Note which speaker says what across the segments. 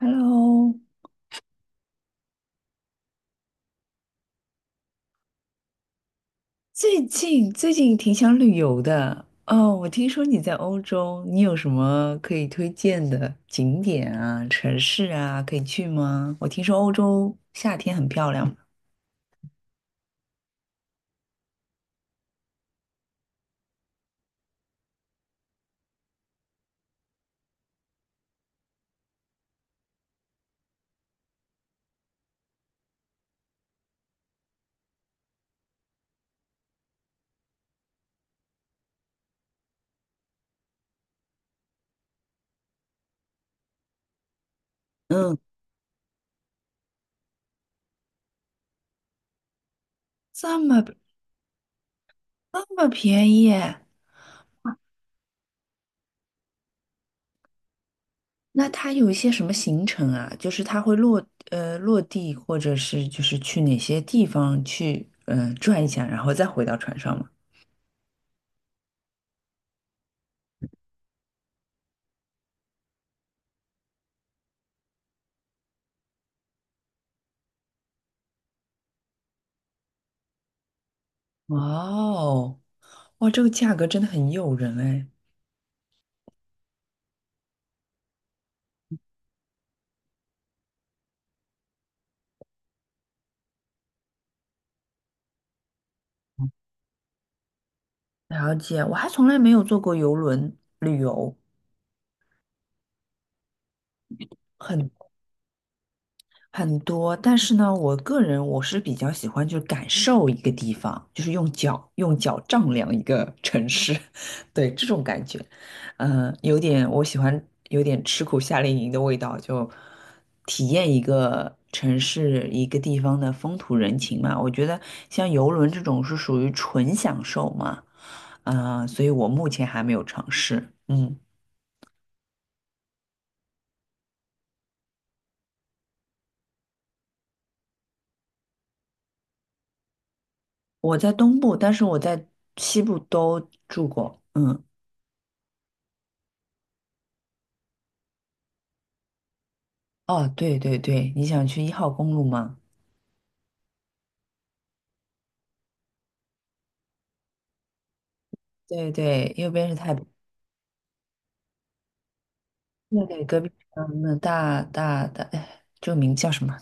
Speaker 1: Hello，最近挺想旅游的哦。我听说你在欧洲，你有什么可以推荐的景点啊、城市啊，可以去吗？我听说欧洲夏天很漂亮。嗯，这么这么便宜耶。那它有一些什么行程啊？就是它会落地，或者是就是去哪些地方去嗯、转一下，然后再回到船上吗？哇哦，哇，这个价格真的很诱人哎。了解，我还从来没有坐过游轮旅游，很很多。但是呢，我个人我是比较喜欢就是感受一个地方，就是用脚丈量一个城市，对这种感觉，嗯、有点我喜欢有点吃苦夏令营的味道，就体验一个城市一个地方的风土人情嘛。我觉得像游轮这种是属于纯享受嘛，嗯，所以我目前还没有尝试，嗯。我在东部，但是我在西部都住过。嗯，哦，对对对，你想去一号公路吗？对对，右边是太平，对对，隔壁嗯，那大大大，哎，这个名叫什么？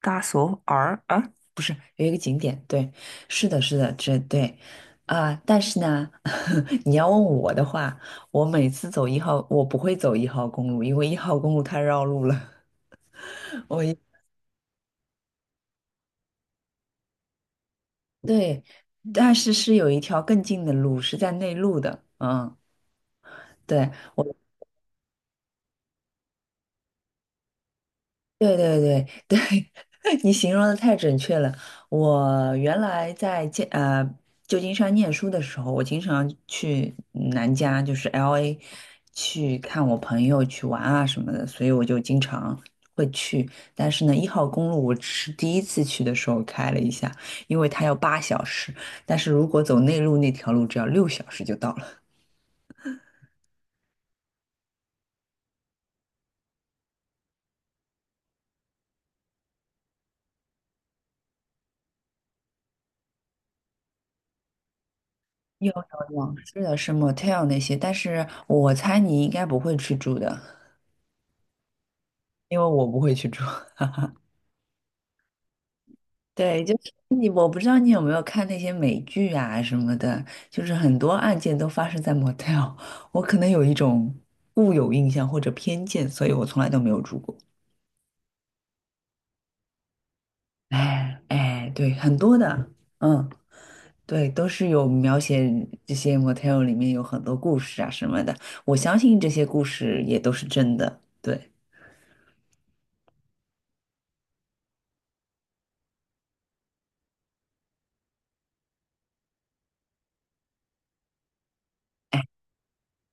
Speaker 1: 大索尔啊？不是，有一个景点，对，是的，是的，这对啊。但是呢，你要问我的话，我每次走一号，我不会走一号公路，因为一号公路太绕路了。我一对，但是是有一条更近的路，是在内陆的，嗯。对，我，对对对对，你形容的太准确了。我原来在旧金山念书的时候，我经常去南加，就是 LA，去看我朋友去玩啊什么的，所以我就经常会去。但是呢，一号公路我只是第一次去的时候开了一下，因为它要八小时，但是如果走内陆那条路，只要六小时就到了。有有有，是的，是 motel 那些，但是我猜你应该不会去住的。因为我不会去住。对，就是你，我不知道你有没有看那些美剧啊什么的，就是很多案件都发生在 motel，我可能有一种固有印象或者偏见，所以我从来都没有住过。哎哎，对，很多的，嗯，对，都是有描写这些 motel 里面有很多故事啊什么的，我相信这些故事也都是真的。对。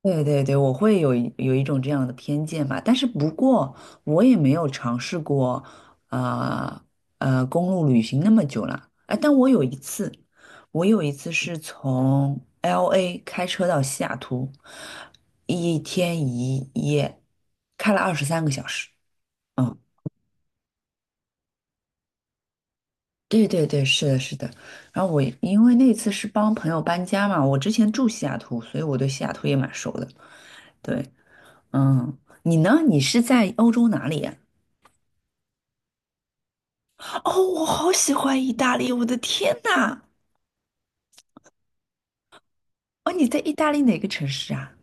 Speaker 1: 对对对，我会有一种这样的偏见吧，但是不过我也没有尝试过，呃，公路旅行那么久了，哎，但我有一次，我有一次是从 LA 开车到西雅图，一天一夜，开了二十三个小时。嗯，对对对，是的，是的。然后我因为那次是帮朋友搬家嘛，我之前住西雅图，所以我对西雅图也蛮熟的。对，嗯，你呢？你是在欧洲哪里呀？哦，我好喜欢意大利，我的天呐！哦，你在意大利哪个城市啊？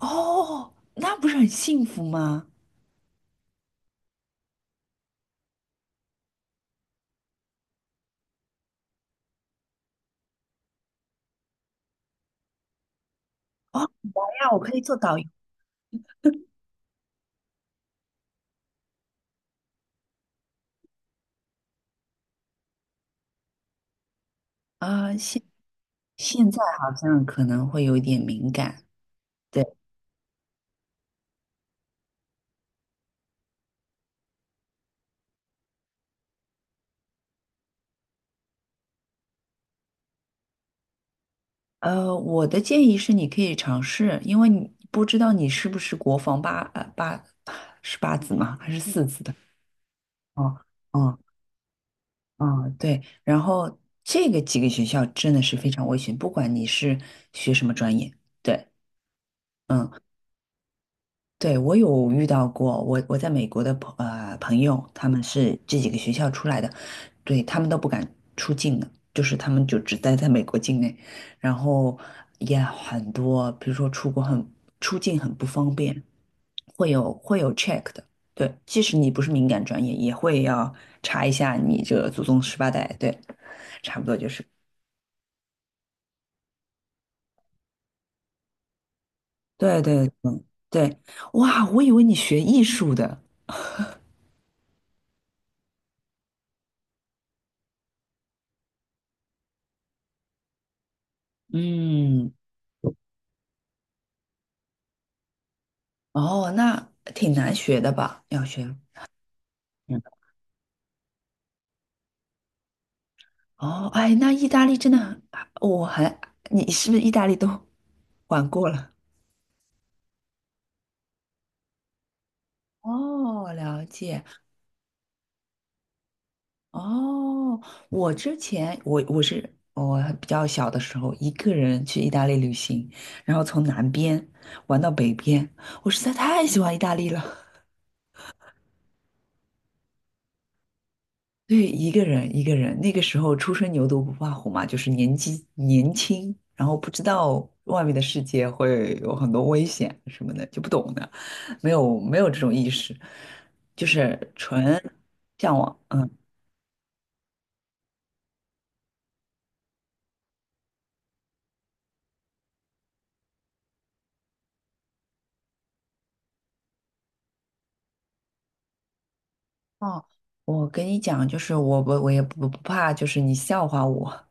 Speaker 1: 哦，那不是很幸福吗？哦，好呀，我可以做导游啊。现在好像可能会有一点敏感。对，我的建议是你可以尝试，因为你不知道你是不是国防八是八字吗？还是四字的？哦哦，嗯啊，对，然后这个几个学校真的是非常危险，不管你是学什么专业，对，嗯，对，我有遇到过，我在美国的朋友，他们是这几个学校出来的，对，他们都不敢出境的，就是他们就只待在美国境内，然后也很多，比如说出境很不方便，会有 check 的，对，即使你不是敏感专业，也会要查一下你这祖宗十八代，对。差不多就是。对对对对，哇，我以为你学艺术的，嗯，哦，那挺难学的吧？要学，嗯，哦，哎，那意大利真的很，我还，你是不是意大利都 玩过了？哦，了解。哦，我之前我比较小的时候一个人去意大利旅行，然后从南边玩到北边，我实在太喜欢意大利了。对，一个人，那个时候初生牛犊不怕虎嘛，就是年纪年轻，然后不知道外面的世界会有很多危险什么的，就不懂的，没有这种意识，就是纯向往。嗯，哦，我跟你讲，就是我也不怕，就是你笑话我。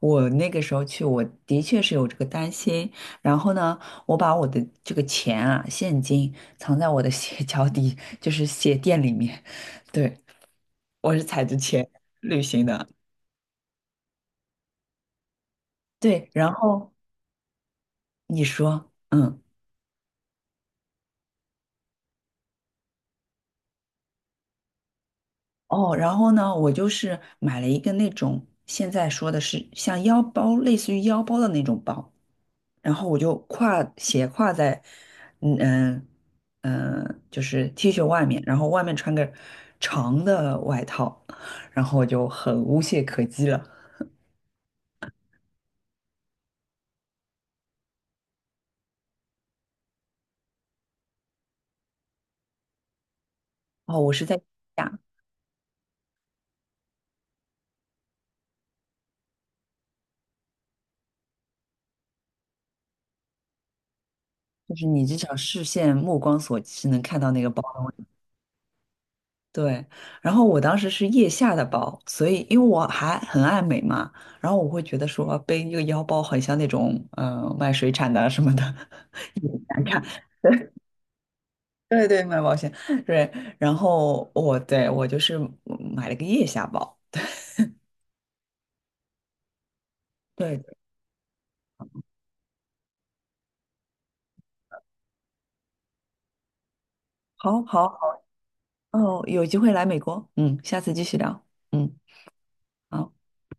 Speaker 1: 我那个时候去，我的确是有这个担心。然后呢，我把我的这个钱啊，现金藏在我的鞋 脚底，就是鞋垫里面。对，我是踩着钱旅行的。对，然后你说，嗯，哦，然后呢，我就是买了一个那种现在说的是像腰包，类似于腰包的那种包，然后我就斜挎在，嗯嗯嗯，就是 T 恤外面，然后外面穿个长的外套，然后我就很无懈可击了。哦，我是在下，就是你至少视线目光所及是能看到那个包。对，然后我当时是腋下的包，所以因为我还很爱美嘛，然后我会觉得说背一个腰包很像那种嗯、卖水产的啊什么的，难看。对对，卖保险，对。然后我就是买了个腋下包。对，好好好，哦，有机会来美国，嗯，下次继续聊，嗯。好。